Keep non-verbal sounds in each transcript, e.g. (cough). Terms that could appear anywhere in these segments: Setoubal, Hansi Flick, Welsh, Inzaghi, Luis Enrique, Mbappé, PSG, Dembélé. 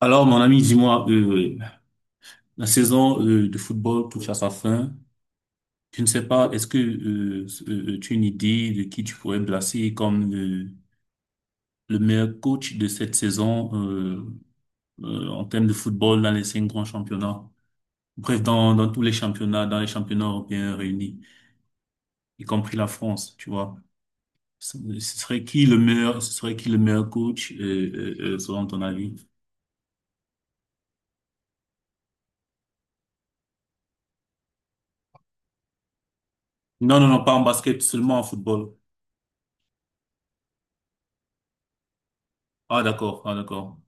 Alors, mon ami, dis-moi, la saison de football touche à sa fin. Je ne sais pas, est-ce que tu as une idée de qui tu pourrais placer comme le meilleur coach de cette saison en termes de football dans les cinq grands championnats? Bref, dans tous les championnats, dans les championnats européens réunis, y compris la France, tu vois. Ce serait qui le meilleur, ce serait qui le meilleur coach selon ton avis? Non, non, non, pas en basket, seulement en football. Ah, d'accord, ah, d'accord.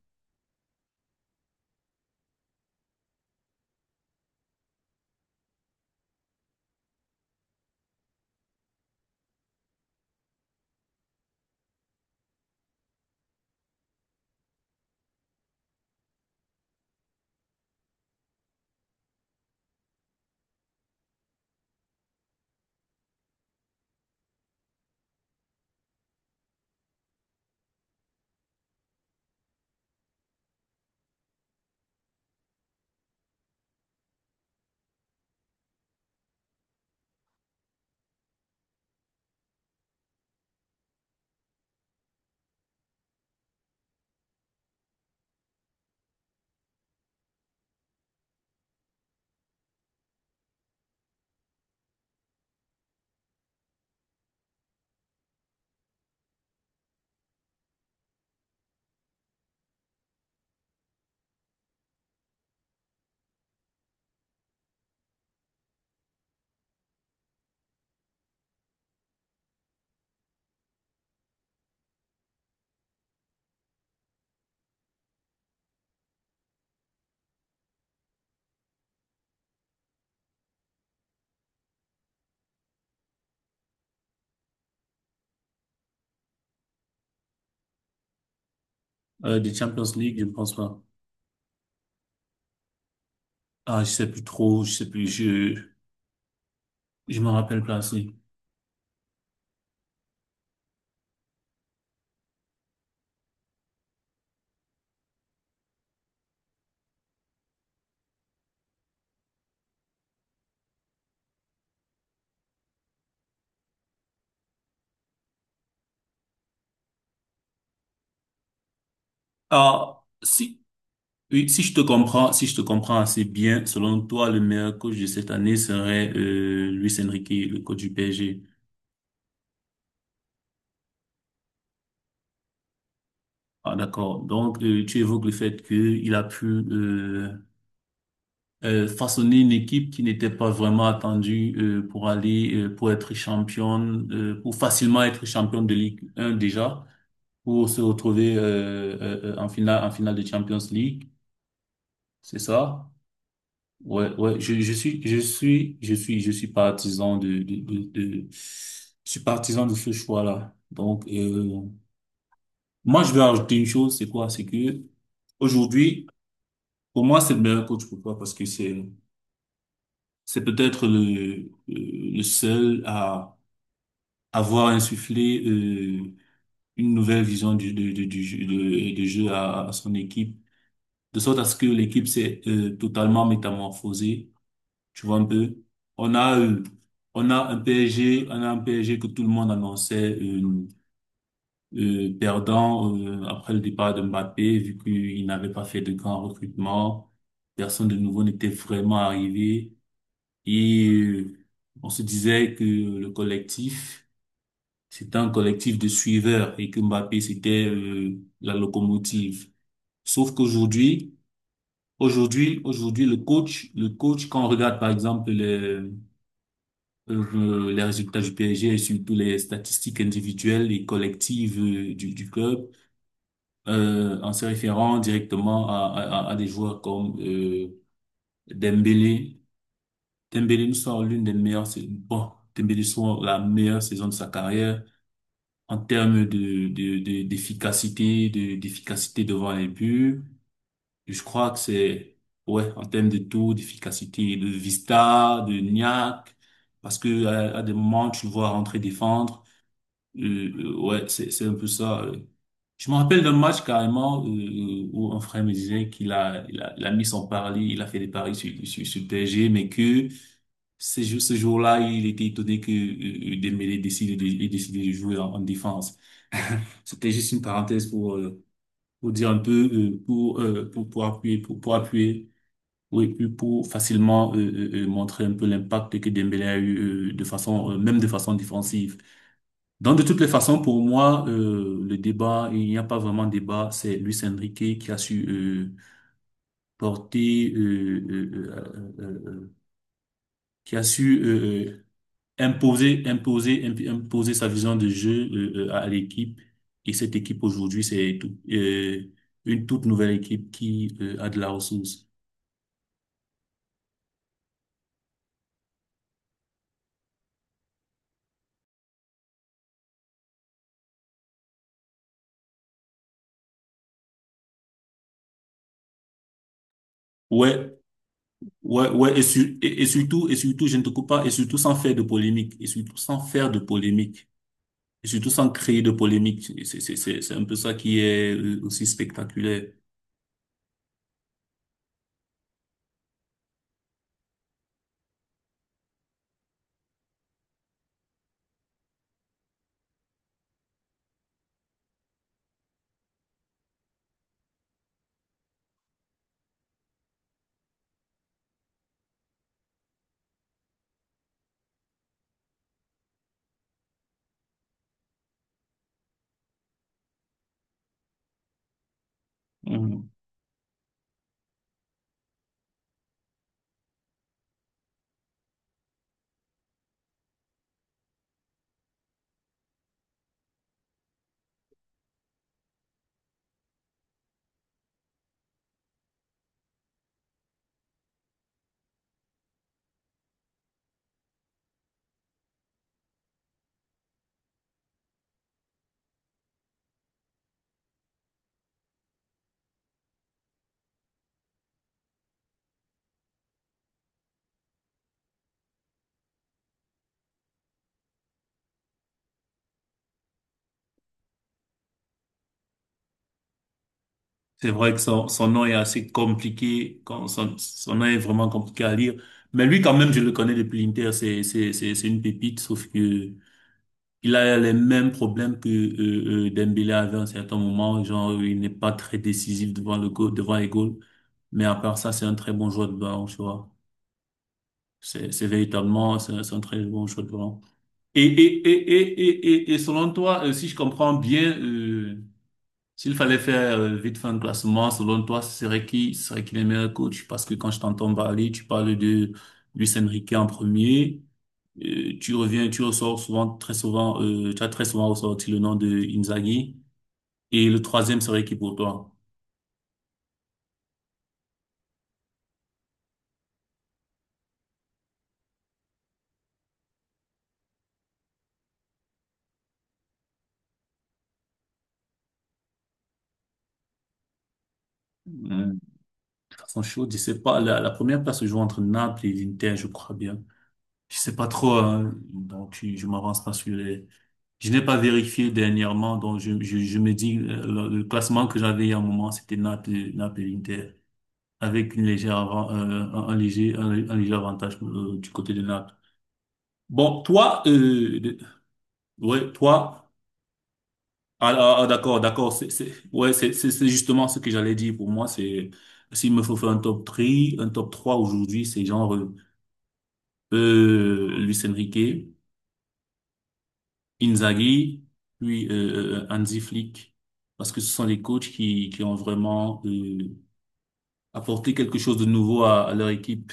Des Champions League, je pense pas. Ah, je sais plus trop, je sais plus, je me rappelle pas assez. Ah, si oui, si je te comprends, si je te comprends assez bien, selon toi, le meilleur coach de cette année serait Luis Enrique, le coach du PSG. Ah, d'accord. Donc tu évoques le fait qu'il a pu euh, façonner une équipe qui n'était pas vraiment attendue pour aller pour être championne, pour facilement être championne de Ligue 1 déjà, pour se retrouver en finale de Champions League, c'est ça? Ouais, ouais, je suis, je suis, je suis, je suis partisan de, je suis partisan de ce choix-là. Donc, moi, je vais ajouter une chose, c'est quoi? C'est que aujourd'hui, pour moi, c'est le meilleur coach. Pourquoi? Parce que c'est peut-être le seul à avoir insufflé une nouvelle vision du jeu, de jeu à son équipe de sorte à ce que l'équipe s'est totalement métamorphosée, tu vois un peu. On a euh, on a un PSG, on a un PSG que tout le monde annonçait perdant après le départ de Mbappé, vu qu'il n'avait pas fait de grands recrutements, personne de nouveau n'était vraiment arrivé et on se disait que le collectif c'était un collectif de suiveurs et que Mbappé c'était la locomotive. Sauf qu'aujourd'hui. Aujourd'hui, aujourd'hui, le coach, quand on regarde par exemple les résultats du PSG et surtout les statistiques individuelles et collectives du club, en se référant directement à des joueurs comme Dembélé, Dembélé nous sort l'une des meilleures, Dembélé sort la meilleure saison de sa carrière en termes d'efficacité, d'efficacité devant les buts. Et Je crois que c'est, ouais, en termes de taux d'efficacité, de Vista, de NIAC, parce que à des moments, tu le vois rentrer défendre. Euh, ouais, c'est un peu ça. Je me rappelle d'un match carrément où un frère me disait qu'il a, il a mis son pari, il a fait des paris sur le PSG, mais que c'est juste ce jour-là, il était étonné que Dembélé décide de, ait décidé de jouer en défense. (laughs) C'était juste une parenthèse pour dire un peu pour, pour appuyer oui puis pour facilement montrer un peu l'impact que Dembélé a eu de façon même de façon défensive. Donc de toutes les façons pour moi, le débat, il n'y a pas vraiment de débat, c'est Luis Enrique qui a su porter qui a su imposer sa vision de jeu à l'équipe. Et cette équipe aujourd'hui, une toute nouvelle équipe qui a de la ressource. Ouais, ouais, ouais. Et, surtout, et surtout, je ne te coupe pas. Et surtout sans faire de polémique. Et surtout sans faire de polémique. Et surtout sans créer de polémique. C'est un peu ça qui est aussi spectaculaire. C'est vrai que son, son nom est assez compliqué, quand son, son nom est vraiment compliqué à lire. Mais lui, quand même, je le connais depuis l'Inter, c'est une pépite, sauf que il a les mêmes problèmes que Dembélé avait à un certain moment, genre il n'est pas très décisif devant le goal, devant les goals. Mais à part ça, c'est un très bon joueur de ballon, tu vois. C'est véritablement, c'est un très bon joueur de ballon. Et, et, et, et, selon toi, si je comprends bien, s'il fallait faire vite fait un classement, selon toi, ce serait qui les meilleurs coachs? Parce que quand je t'entends parler, tu parles de Luis Enrique en premier. Tu reviens, tu ressors souvent, très souvent, tu as très souvent ressorti le nom de Inzaghi. Et le troisième serait qui pour toi? Hum, de façon chaude, je sais pas. La première place se joue entre Naples et l'Inter, je crois bien. Je sais pas trop, hein, donc je m'avance pas sur les. Je n'ai pas vérifié dernièrement, donc je me dis le classement que j'avais il y a un moment, c'était Naples et Inter, avec une légère un léger avantage du côté de Naples. Bon, toi, de- ouais, toi, ah, ah, ah, d'accord, d'accord, ouais, c'est justement ce que j'allais dire. Pour moi, c'est s'il me faut faire un top 3, un top 3 aujourd'hui, c'est genre Luis Enrique. Inzaghi, puis Hansi Flick, parce que ce sont les coachs qui ont vraiment apporté quelque chose de nouveau à leur équipe.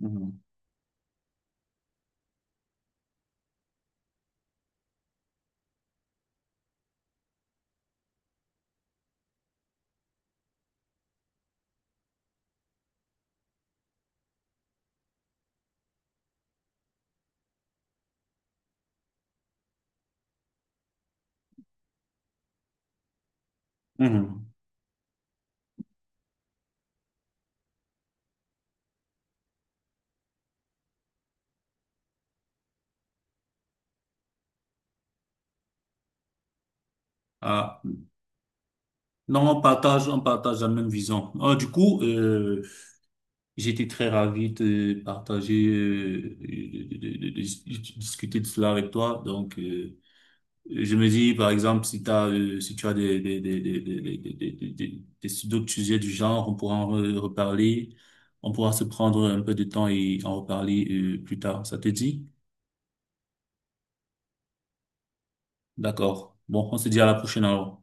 Mhm. Mhm. Ah. Non, on partage la même vision. Ah, du coup, j'étais très ravi de partager, de discuter de cela avec toi. Donc, je me dis, par exemple, si t'as, si tu as des- d'autres sujets du genre, on pourra en reparler, on pourra se prendre un peu de temps et en reparler, plus tard. Ça te dit? D'accord. Bon, on se dit à la prochaine alors.